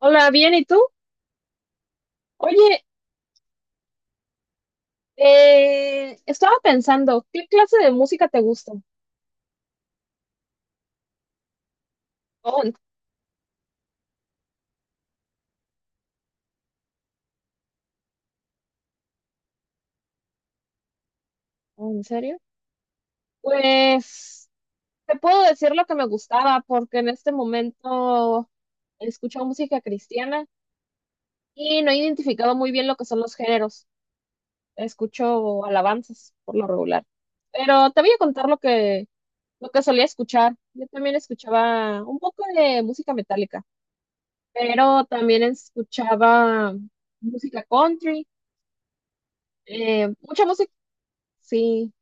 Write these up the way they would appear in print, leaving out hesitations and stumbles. Hola, bien, ¿y tú? Oye, estaba pensando, ¿qué clase de música te gusta? Oh, ¿en oh, ¿en serio? Pues te puedo decir lo que me gustaba, porque en este momento escucho música cristiana y no he identificado muy bien lo que son los géneros. Escucho alabanzas por lo regular. Pero te voy a contar lo que solía escuchar. Yo también escuchaba un poco de música metálica, pero también escuchaba música country. Mucha música, sí.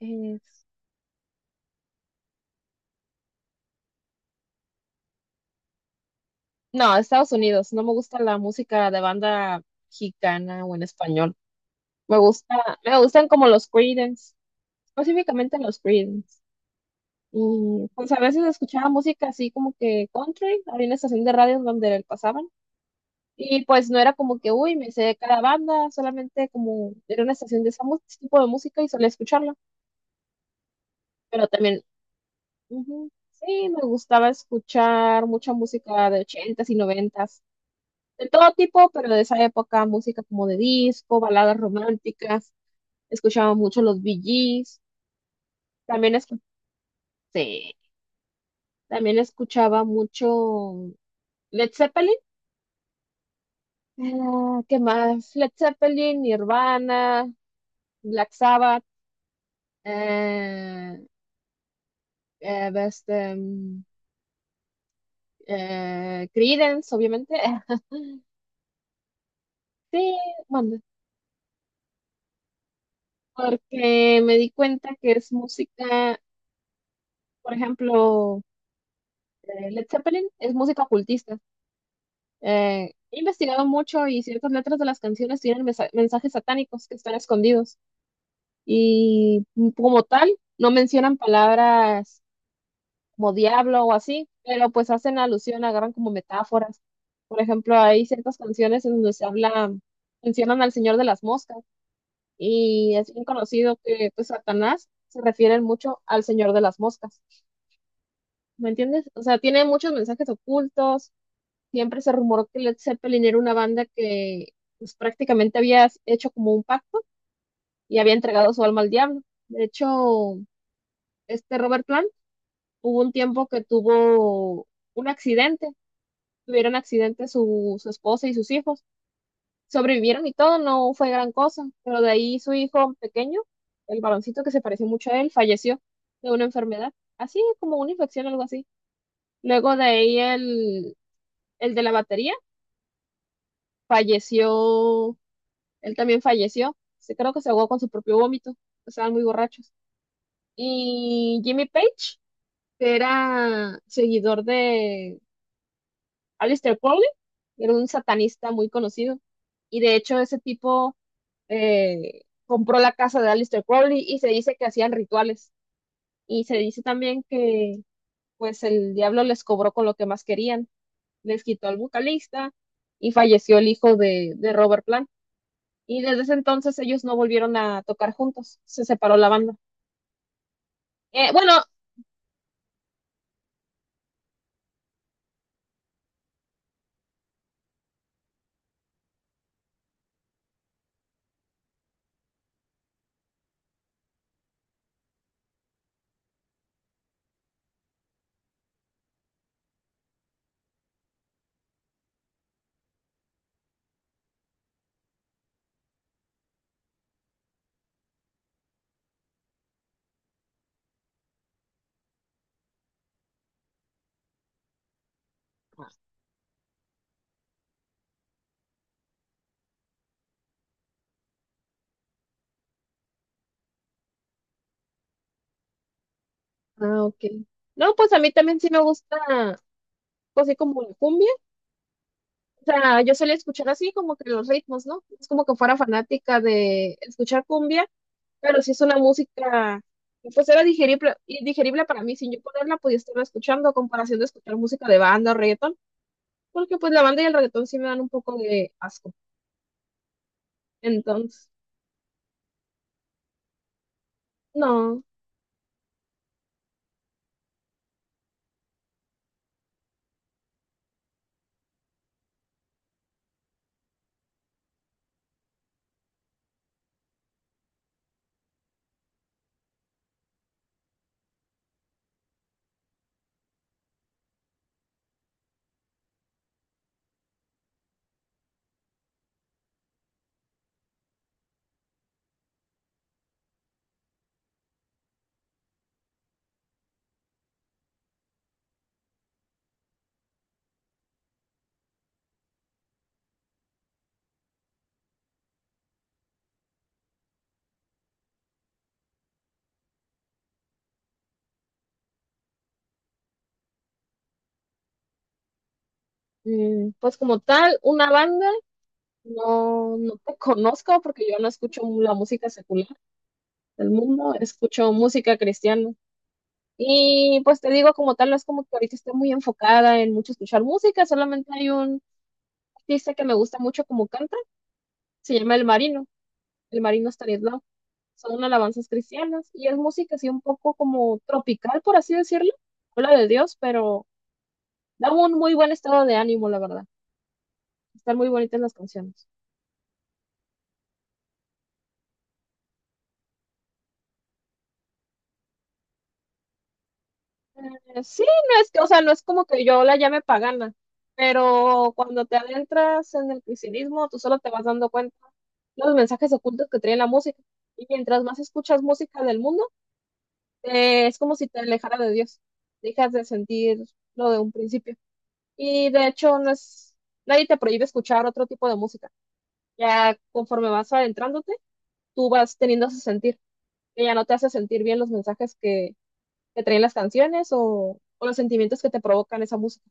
eh, no, Estados Unidos. No me gusta la música de banda mexicana o en español. Me gusta, me gustan como los Creedence, específicamente los Creedence. Y pues a veces escuchaba música así como que country. Había una estación de radio en donde pasaban. Y pues no era como que, uy, me sé cada banda, solamente como era una estación de ese tipo de música y solía escucharla. Pero también, ujú, sí, me gustaba escuchar mucha música de ochentas y noventas. De todo tipo, pero de esa época, música como de disco, baladas románticas, escuchaba mucho los Bee Gees, también escuché, también escuchaba mucho Led Zeppelin. Ah, ¿qué más? Led Zeppelin, Nirvana, Black Sabbath, eh, eh, este, mm, Creedence, obviamente. Sí, bueno, porque me di cuenta que es música, por ejemplo, Led Zeppelin es música ocultista. He investigado mucho y ciertas letras de las canciones tienen mensajes satánicos que están escondidos y como tal no mencionan palabras como diablo o así, pero pues hacen alusión, agarran como metáforas. Por ejemplo, hay ciertas canciones en donde se habla, mencionan al Señor de las Moscas y es bien conocido que pues Satanás se refiere mucho al Señor de las Moscas. ¿Me entiendes? O sea, tiene muchos mensajes ocultos. Siempre se rumoró que Led Zeppelin era una banda que pues, prácticamente había hecho como un pacto y había entregado su alma al diablo. De hecho, este Robert Plant hubo un tiempo que tuvo un accidente, tuvieron accidente su esposa y sus hijos, sobrevivieron y todo, no fue gran cosa, pero de ahí su hijo pequeño, el baloncito que se pareció mucho a él, falleció de una enfermedad, así como una infección algo así. Luego de ahí el de la batería falleció. Él también falleció. Creo que se ahogó con su propio vómito. Estaban muy borrachos. Y Jimmy Page, que era seguidor de Aleister Crowley, era un satanista muy conocido. Y de hecho, ese tipo compró la casa de Aleister Crowley y se dice que hacían rituales. Y se dice también que pues el diablo les cobró con lo que más querían. Les quitó al vocalista y falleció el hijo de Robert Plant. Y desde ese entonces ellos no volvieron a tocar juntos, se separó la banda. Eh, bueno, ah, ok. No, pues a mí también sí me gusta, pues así como la cumbia. O sea, yo solía escuchar así como que los ritmos, ¿no? Es como que fuera fanática de escuchar cumbia, pero sí es una música, pues era digerible, y digerible para mí, sin yo ponerla podía estarla escuchando a comparación de escuchar música de banda o reggaetón, porque pues la banda y el reggaetón sí me dan un poco de asco. Entonces, no, pues como tal, una banda. No te conozco porque yo no escucho la música secular del mundo, escucho música cristiana. Y pues te digo, como tal, no es como que ahorita estoy muy enfocada en mucho escuchar música, solamente hay un artista que me gusta mucho como canta, se llama El Marino, El Marino Stanislao. Son alabanzas cristianas y es música así un poco como tropical, por así decirlo. Habla de Dios, pero da un muy buen estado de ánimo, la verdad. Están muy bonitas las canciones. Sí, no es que, o sea, no es como que yo la llame pagana, pero cuando te adentras en el cristianismo, tú solo te vas dando cuenta los mensajes ocultos que trae la música. Y mientras más escuchas música del mundo, es como si te alejara de Dios. Dejas de sentir lo de un principio. Y de hecho, nadie te prohíbe escuchar otro tipo de música. Ya conforme vas adentrándote, tú vas teniendo ese sentir, que ya no te hace sentir bien los mensajes que traen las canciones o los sentimientos que te provocan esa música.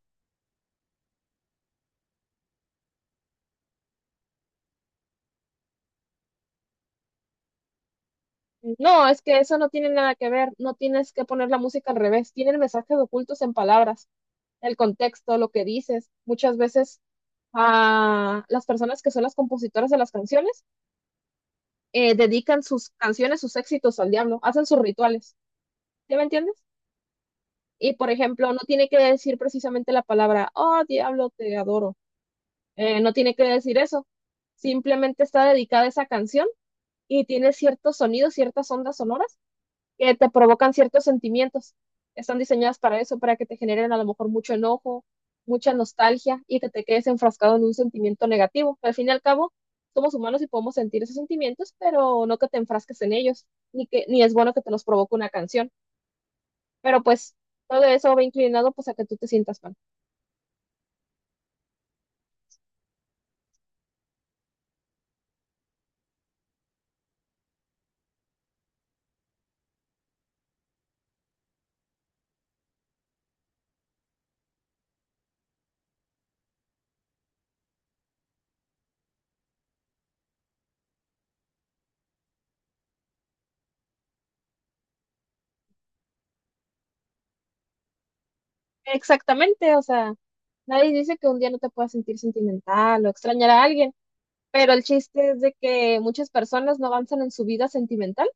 No, es que eso no tiene nada que ver, no tienes que poner la música al revés, tienen mensajes ocultos en palabras, el contexto, lo que dices. Muchas veces a las personas que son las compositoras de las canciones dedican sus canciones, sus éxitos al diablo, hacen sus rituales, ¿sí me entiendes? Y por ejemplo, no tiene que decir precisamente la palabra, oh diablo, te adoro, no tiene que decir eso, simplemente está dedicada esa canción y tiene ciertos sonidos, ciertas ondas sonoras que te provocan ciertos sentimientos. Están diseñadas para eso, para que te generen a lo mejor mucho enojo, mucha nostalgia y que te quedes enfrascado en un sentimiento negativo. Al fin y al cabo, somos humanos y podemos sentir esos sentimientos, pero no que te enfrasques en ellos, ni que ni es bueno que te los provoque una canción. Pero pues todo eso va inclinado pues a que tú te sientas mal. Exactamente, o sea, nadie dice que un día no te puedas sentir sentimental o extrañar a alguien, pero el chiste es de que muchas personas no avanzan en su vida sentimental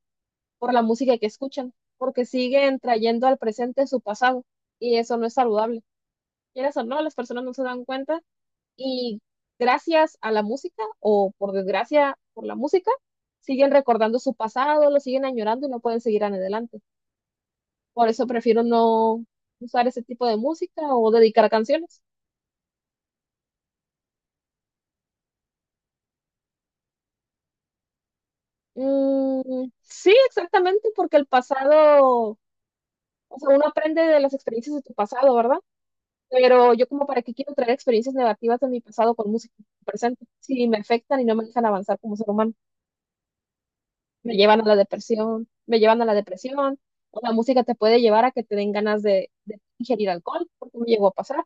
por la música que escuchan, porque siguen trayendo al presente su pasado y eso no es saludable. Quieras o no, las personas no se dan cuenta y gracias a la música o por desgracia por la música, siguen recordando su pasado, lo siguen añorando y no pueden seguir adelante. Por eso prefiero no usar ese tipo de música o dedicar canciones. Sí, exactamente, porque el pasado, o sea, uno aprende de las experiencias de tu pasado, ¿verdad? Pero yo como para qué quiero traer experiencias negativas de mi pasado con música presente, si me afectan y no me dejan avanzar como ser humano, me llevan a la depresión, o la música te puede llevar a que te den ganas de ingerir alcohol, porque me llegó a pasar,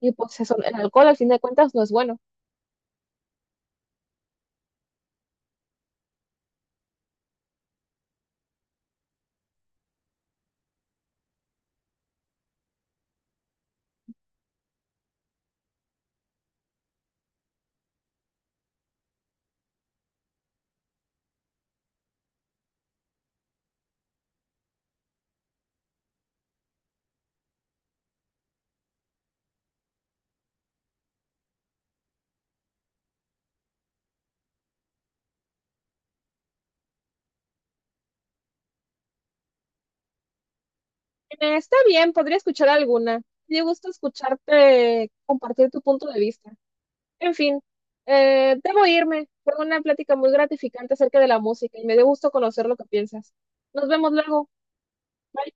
y pues eso, el alcohol al fin de cuentas no es bueno. Está bien, podría escuchar alguna, me gusta escucharte compartir tu punto de vista. En fin, debo irme, fue una plática muy gratificante acerca de la música y me dio gusto conocer lo que piensas. Nos vemos luego. Bye.